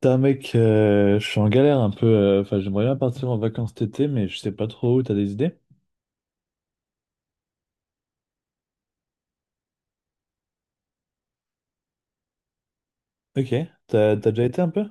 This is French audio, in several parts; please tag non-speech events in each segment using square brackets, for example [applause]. Putain, mec, je suis en galère un peu. Enfin, j'aimerais bien partir en vacances cet été, mais je sais pas trop où. T'as des idées? Ok. T'as déjà été un peu?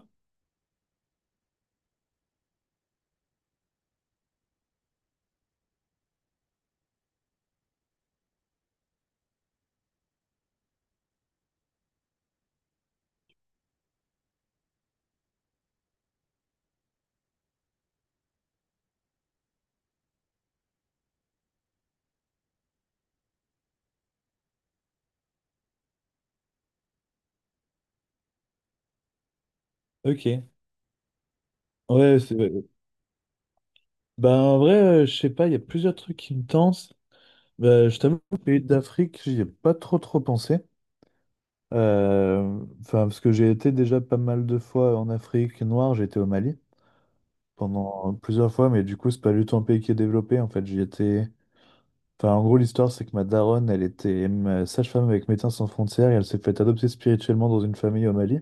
Ok. Ouais, c'est, ouais. Bah, en vrai, je sais pas, il y a plusieurs trucs qui me tentent. Bah, je t'avoue, le pays d'Afrique, j'y ai pas trop trop pensé. Euh, Enfin, parce que j'ai été déjà pas mal de fois en Afrique noire. J'ai été au Mali pendant plusieurs fois, mais du coup, c'est pas du tout un pays qui est développé. En fait, j'y étais. Enfin, en gros, l'histoire, c'est que ma daronne, elle était sage-femme avec Médecins Sans Frontières et elle s'est fait adopter spirituellement dans une famille au Mali.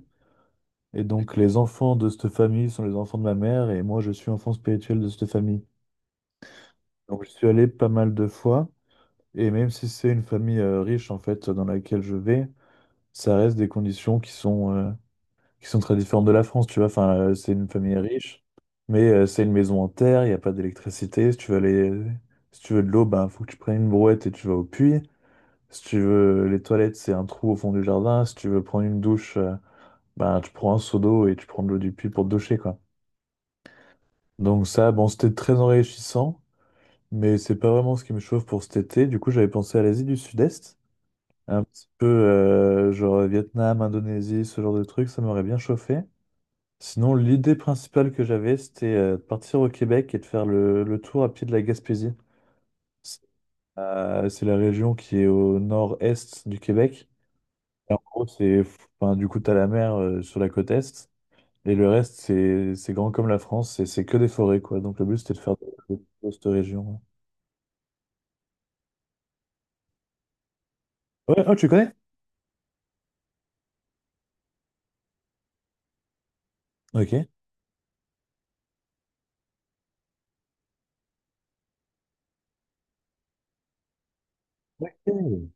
Et donc, les enfants de cette famille sont les enfants de ma mère et moi, je suis enfant spirituel de cette famille. Donc, je suis allé pas mal de fois et même si c'est une famille riche, en fait, dans laquelle je vais, ça reste des conditions qui sont très différentes de la France, tu vois. Enfin, c'est une famille riche, mais c'est une maison en terre, il n'y a pas d'électricité. Si tu veux de l'eau, ben, faut que tu prennes une brouette et tu vas au puits. Si tu veux, les toilettes, c'est un trou au fond du jardin. Si tu veux prendre une douche, ben, tu prends un seau d'eau et tu prends de l'eau du puits pour te doucher, quoi. Donc ça, bon, c'était très enrichissant, mais c'est pas vraiment ce qui me chauffe pour cet été. Du coup, j'avais pensé à l'Asie du Sud-Est, un petit peu genre Vietnam, Indonésie, ce genre de trucs, ça m'aurait bien chauffé. Sinon, l'idée principale que j'avais, c'était de partir au Québec et de faire le tour à pied de la Gaspésie. C'est c'est la région qui est au nord-est du Québec. Et en gros, c'est, enfin, du coup, t'as la mer sur la côte est, et le reste, c'est grand comme la France, et c'est que des forêts, quoi. Donc le but, c'était de faire de, de cette région. Ouais, oh, tu connais? Ok. Ok.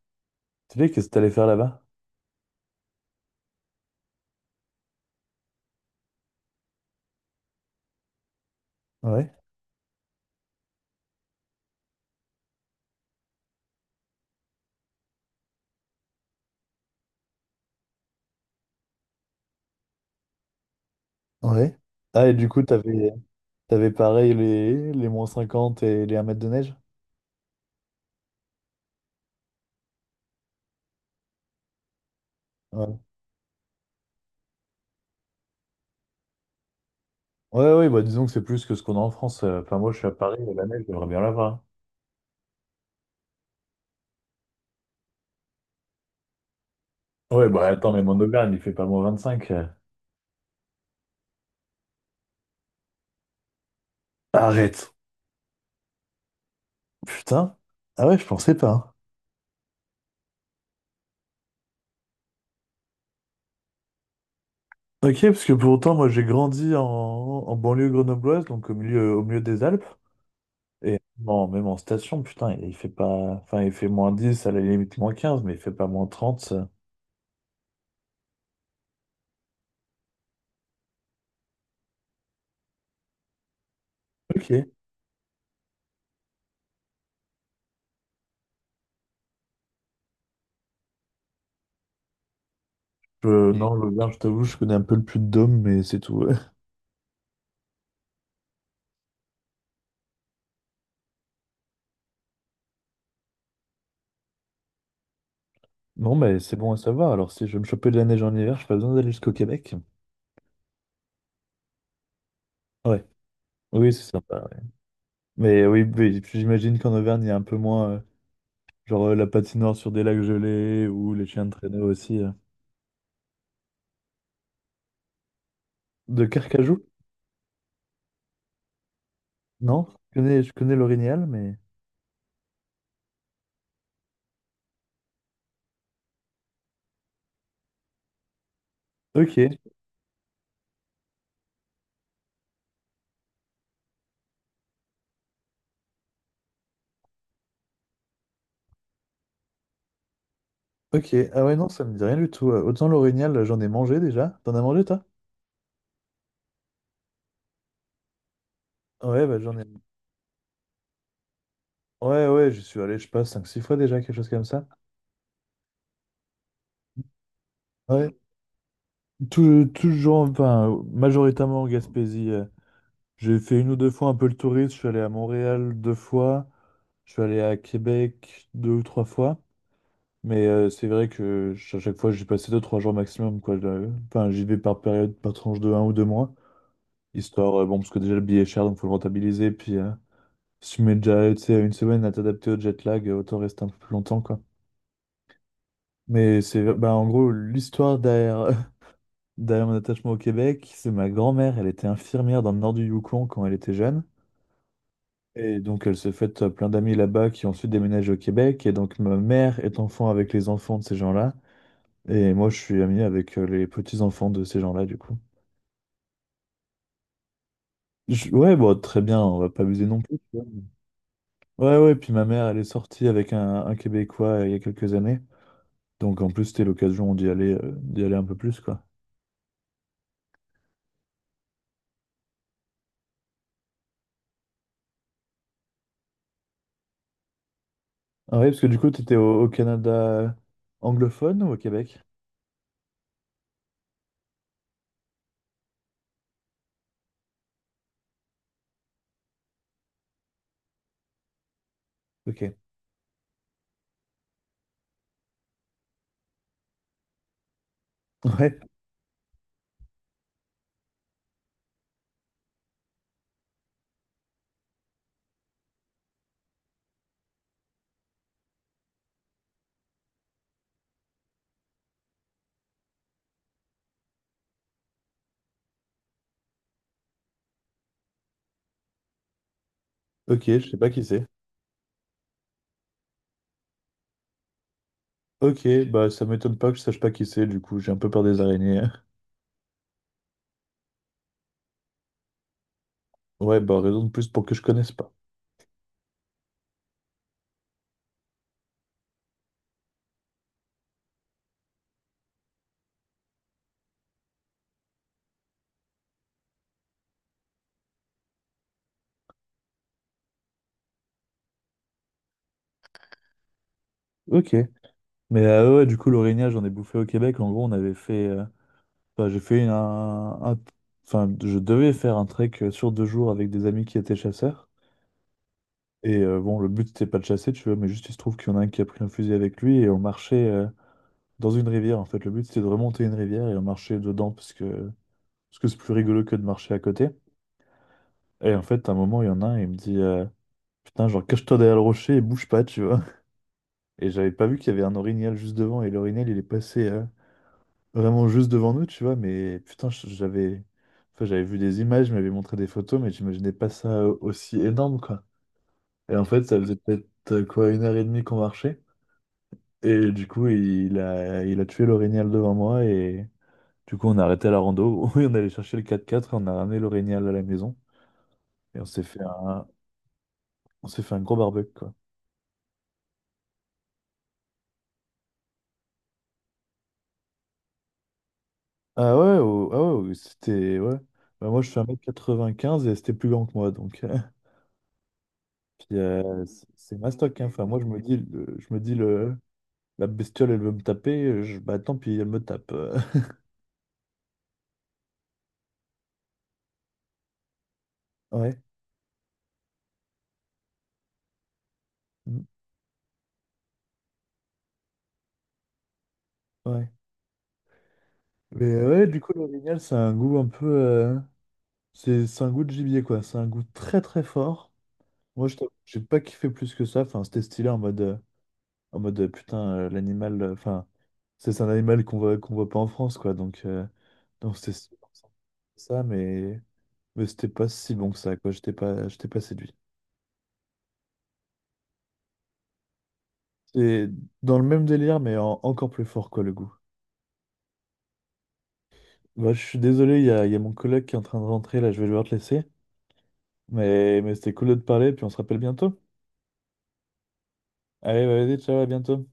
Tu sais, qu'est-ce que t'allais faire là-bas? Ouais. Ouais. Ah, et du coup, t'avais pareil les -50 et les un mètre de neige? Ouais. Ouais, ouais, bah disons que c'est plus que ce qu'on a en France. Enfin, moi, je suis à Paris, et la neige, j'aimerais bien l'avoir. Ouais, bah attends, mais mon auberge, il fait pas moins 25. Arrête. Putain. Ah ouais, je pensais pas, hein. Ok, parce que pour autant, moi j'ai grandi en banlieue grenobloise, donc au milieu des Alpes. Et bon, même en station, putain, il fait pas. Enfin, il fait -10 à la limite -15, mais il fait pas -30, ça. Ok. Non, l'Auvergne, je t'avoue, je connais un peu le Puy-de-Dôme, mais c'est tout. [laughs] Non, mais c'est bon à savoir. Alors, si je veux me choper de la neige en hiver, j'ai pas besoin d'aller jusqu'au Québec. Ouais. Oui, c'est sympa, ouais. Mais oui, mais j'imagine qu'en Auvergne, il y a un peu moins, la patinoire sur des lacs gelés ou les chiens de traîneau aussi. De Carcajou? Non, je connais l'orignal, mais Ok, ok. Ah ouais, non, ça me dit rien du tout. Autant l'orignal, j'en ai mangé déjà. T'en as mangé, toi? Ouais, bah j'en ai Ouais, ouais, j'y suis allé, je sais pas, 5-6 fois déjà, quelque chose comme ça. Ouais, toujours, enfin, majoritairement en Gaspésie. J'ai fait une ou deux fois un peu le touriste. Je suis allé à Montréal deux fois. Je suis allé à Québec deux ou trois fois. Mais c'est vrai que à chaque fois, j'ai passé deux, trois jours maximum, quoi. Enfin, j'y vais par période, par tranche de un ou deux mois. Histoire, bon, parce que déjà le billet est cher, donc faut le rentabiliser. Puis si tu mets déjà, tu sais, une semaine à t'adapter au jet lag, autant rester un peu plus longtemps, quoi. Mais c'est, bah, en gros, l'histoire derrière, [laughs] derrière mon attachement au Québec, c'est ma grand-mère, elle était infirmière dans le nord du Yukon quand elle était jeune. Et donc, elle s'est faite plein d'amis là-bas qui ont ensuite déménagé au Québec. Et donc, ma mère est enfant avec les enfants de ces gens-là. Et moi, je suis ami avec les petits-enfants de ces gens-là, du coup. Ouais, bon, très bien, on va pas abuser non plus. Ouais, ouais, puis ma mère, elle est sortie avec un Québécois il y a quelques années. Donc en plus, c'était l'occasion d'y aller, d'y aller un peu plus, quoi. Ah ouais, parce que du coup, t'étais au Canada anglophone ou au Québec? Ok. [laughs] Ouais, ok, je sais pas qui c'est. Ok, bah ça m'étonne pas que je sache pas qui c'est, du coup, j'ai un peu peur des araignées. [laughs] Ouais, bah raison de plus pour que je connaisse pas. Ok. Mais ouais, du coup, l'orignal, j'en ai bouffé au Québec. En gros, on avait fait. Enfin, j'ai fait un- Enfin, je devais faire un trek sur deux jours avec des amis qui étaient chasseurs. Et bon, le but, c'était pas de chasser, tu vois, mais juste il se trouve qu'il y en a un qui a pris un fusil avec lui et on marchait dans une rivière, en fait. Le but, c'était de remonter une rivière et on marchait dedans parce que c'est plus rigolo que de marcher à côté. Et en fait, à un moment, il y en a un, il me dit putain, genre, cache-toi derrière le rocher et bouge pas, tu vois. Et j'avais pas vu qu'il y avait un orignal juste devant et l'orignal, il est passé vraiment juste devant nous, tu vois, mais putain, j'avais. Enfin, j'avais vu des images, je m'avais montré des photos, mais j'imaginais pas ça aussi énorme, quoi. Et en fait, ça faisait peut-être quoi, une heure et demie qu'on marchait. Et du coup, il a tué l'orignal devant moi et du coup, on a arrêté la rando. [laughs] Oui, on allait chercher le quatre quatre, on a ramené l'orignal à la maison et on s'est fait un gros barbecue, quoi. Ah ouais, oh, ah ouais, oh, c'était, ouais. Bah, moi, je fais 1 m quatre-vingt-quinze et c'était plus grand que moi, donc. [laughs] Puis, c'est ma stock, hein. Enfin, moi, je me dis, le- je me dis le, la bestiole, elle veut me taper, je, bah tant pis, elle me tape. [laughs] Ouais, mm, ouais. Mais ouais, du coup, l'orignal, ça a un goût un peu, c'est un goût de gibier, quoi. C'est un goût très très fort. Moi, je t'avoue que j'ai pas kiffé plus que ça. Enfin, c'était stylé en mode, putain, l'animal. Enfin, c'est un animal qu'on voit pas en France, quoi. Donc, c'était stylé pour ça. Mais c'était pas si bon que ça, quoi. J'étais pas séduit. C'est dans le même délire, mais encore plus fort, quoi, le goût. Bah, je suis désolé, il y a mon collègue qui est en train de rentrer, là, je vais devoir te laisser. Mais c'était cool de te parler, puis on se rappelle bientôt. Allez, bah, vas-y, ciao, à bientôt.